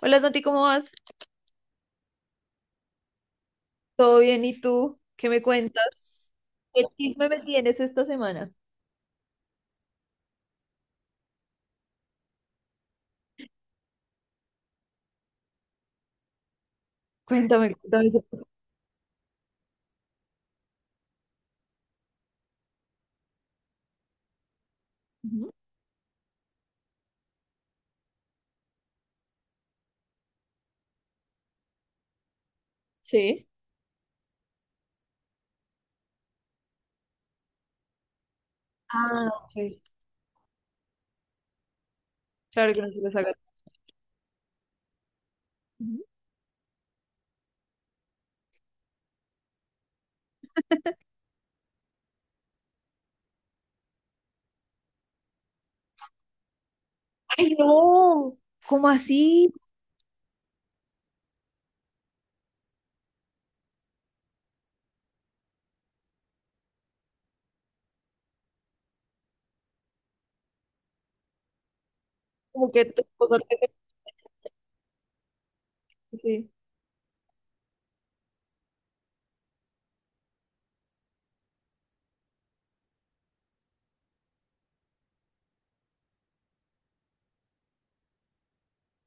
Hola Santi, ¿cómo vas? ¿Todo bien? ¿Y tú? ¿Qué me cuentas? ¿Qué chisme me tienes esta semana? Cuéntame, cuéntame. Ujú. Sí. Ah, ok. Claro que no se les haga. Ujú. ¡Ay, no! ¿Cómo así? Como que tu esposa te- sí.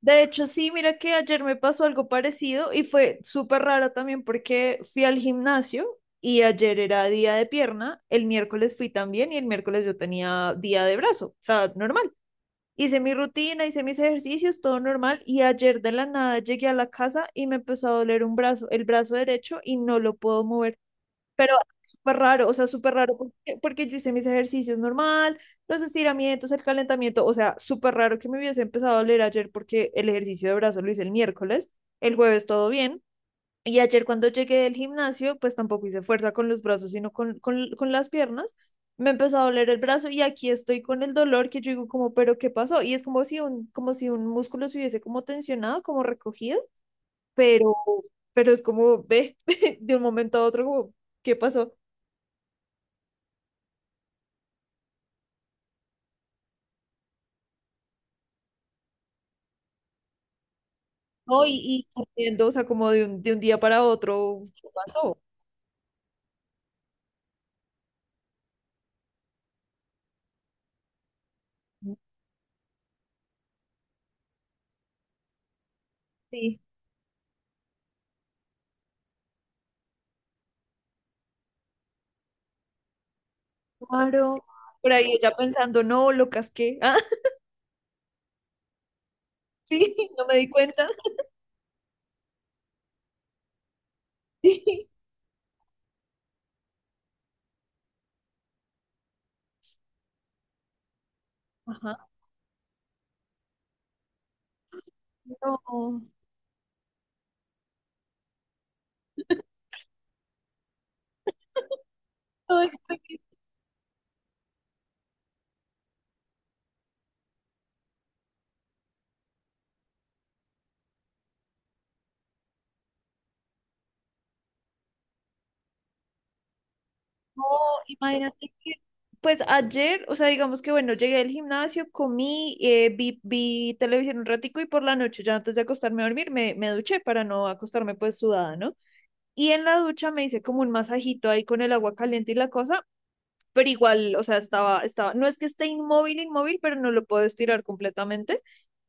De hecho, sí, mira que ayer me pasó algo parecido y fue súper raro también porque fui al gimnasio y ayer era día de pierna, el miércoles fui también y el miércoles yo tenía día de brazo, o sea, normal. Hice mi rutina, hice mis ejercicios, todo normal. Y ayer de la nada llegué a la casa y me empezó a doler un brazo, el brazo derecho, y no lo puedo mover. Pero súper raro, o sea, súper raro, porque yo hice mis ejercicios normal, los estiramientos, el calentamiento, o sea, súper raro que me hubiese empezado a doler ayer porque el ejercicio de brazo lo hice el miércoles, el jueves todo bien, y ayer cuando llegué del gimnasio, pues tampoco hice fuerza con los brazos, sino con las piernas. Me empezó a doler el brazo y aquí estoy con el dolor que yo digo como, pero ¿qué pasó? Y es como si un músculo se hubiese como tensionado, como recogido, pero, pero es como, ve, de un momento a otro, como, ¿qué pasó? No, y corriendo, o sea, como de un día para otro, ¿qué pasó? Sí, claro. Por ahí ella pensando, no, lo casqué. Ah, sí, no me di cuenta. Sí. Ajá. No. Ay, no, imagínate que, pues ayer, o sea, digamos que bueno, llegué al gimnasio, comí, vi televisión un ratico y por la noche, ya antes de acostarme a dormir, me duché para no acostarme pues sudada, ¿no? Y en la ducha me hice como un masajito ahí con el agua caliente y la cosa, pero igual, o sea, estaba, no es que esté inmóvil, inmóvil, pero no lo puedo estirar completamente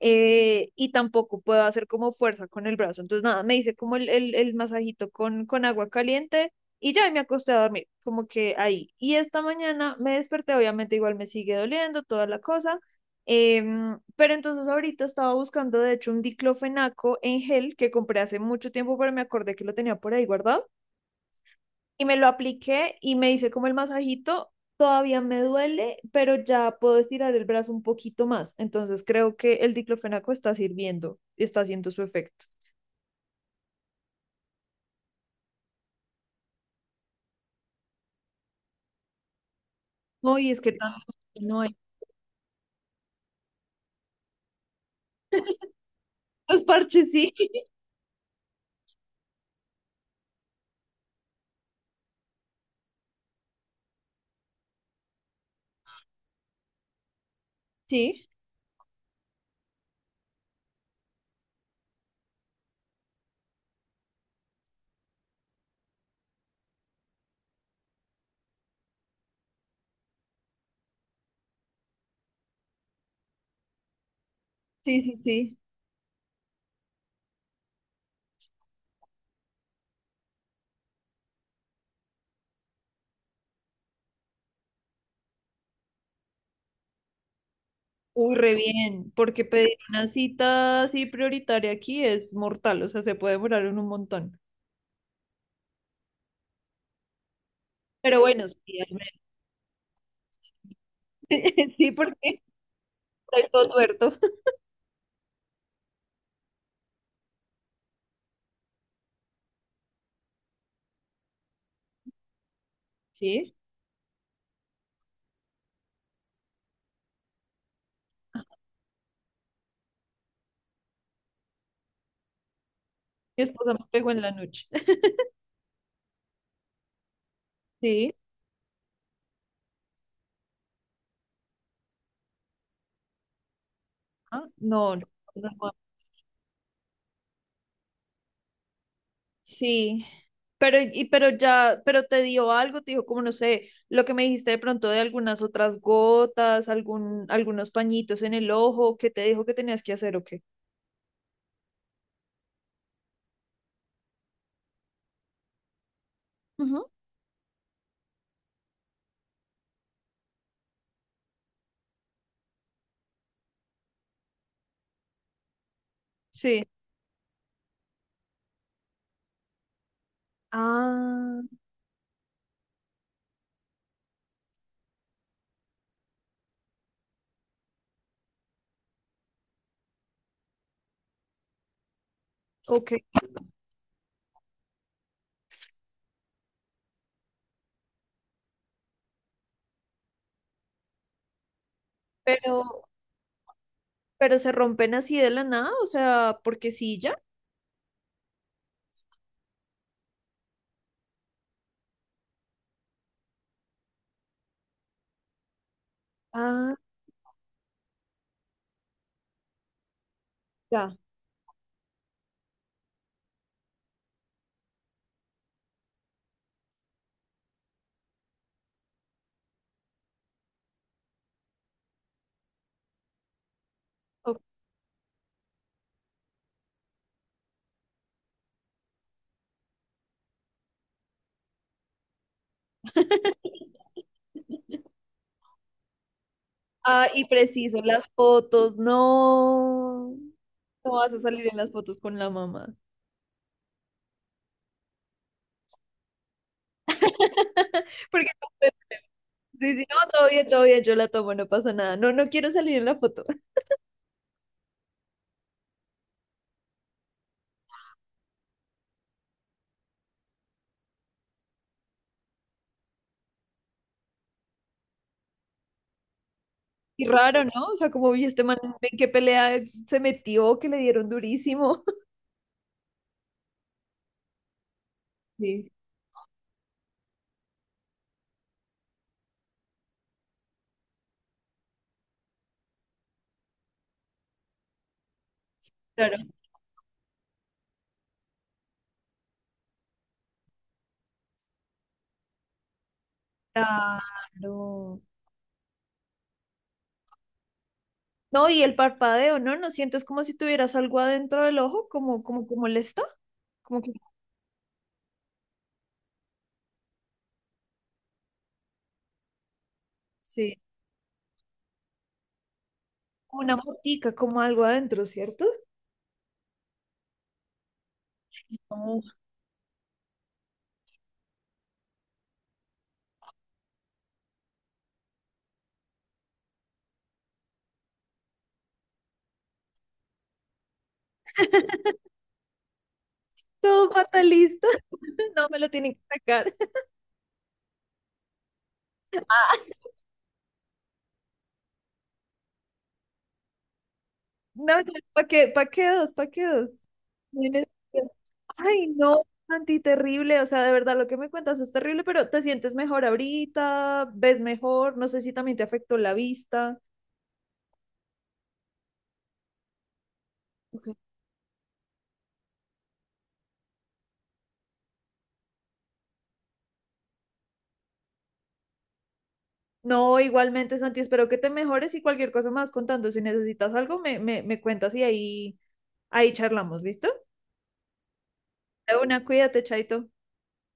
y tampoco puedo hacer como fuerza con el brazo. Entonces, nada, me hice como el masajito con agua caliente y ya y me acosté a dormir, como que ahí. Y esta mañana me desperté, obviamente igual me sigue doliendo toda la cosa, pero entonces ahorita estaba buscando, de hecho, un diclofenaco en gel que compré hace mucho tiempo, pero me acordé que lo tenía por ahí guardado y me lo apliqué y me hice como el masajito, todavía me duele, pero ya puedo estirar el brazo un poquito más. Entonces creo que el diclofenaco está sirviendo, está haciendo su efecto. No, y es que tanto que no hay. Los parches, sí, sí, sí, sí, sí. Uy, re bien, porque pedir una cita así prioritaria aquí es mortal, o sea, se puede demorar en un montón. Pero bueno, sí, al menos- sí, porque estoy todo tuerto. Sí, mi esposa me pegó en la noche. Sí, ah, no, no, no. No. Sí, pero, y, pero ya, pero te dio algo, te dijo como no sé, lo que me dijiste de pronto de algunas otras gotas, algún, algunos pañitos en el ojo, que te dijo que tenías que hacer o qué? Ujú. Sí. Ah, ok. Pero, pero se rompen así de la nada, o sea, porque sí, ya. Ah, ya. Ok. Ah, y preciso, las fotos, no. No vas a salir en las fotos con la mamá. Porque no te- Sí, sí, no, todo bien, yo la tomo, no pasa nada. No, no quiero salir en la foto. Y raro, ¿no? O sea, como vi este man en qué pelea se metió, que le dieron durísimo. Sí, claro. Claro. No, y el parpadeo, ¿no? ¿No sientes como si tuvieras algo adentro del ojo? Como, como, como molesta. Como que, sí. Como una motica, como algo adentro, ¿cierto? Como Todo fatalista. No me lo tienen que sacar. No, ¿para qué? ¿Para qué dos? ¿Para qué dos? No hay necesidad. Ay, no, Santi, terrible. O sea, de verdad, lo que me cuentas es terrible, pero te sientes mejor ahorita, ves mejor, no sé si también te afectó la vista. Ok. No, igualmente, Santi, espero que te mejores y cualquier cosa más contando. Si necesitas algo, me cuentas y ahí, ahí charlamos, ¿listo? De una, cuídate, Chaito.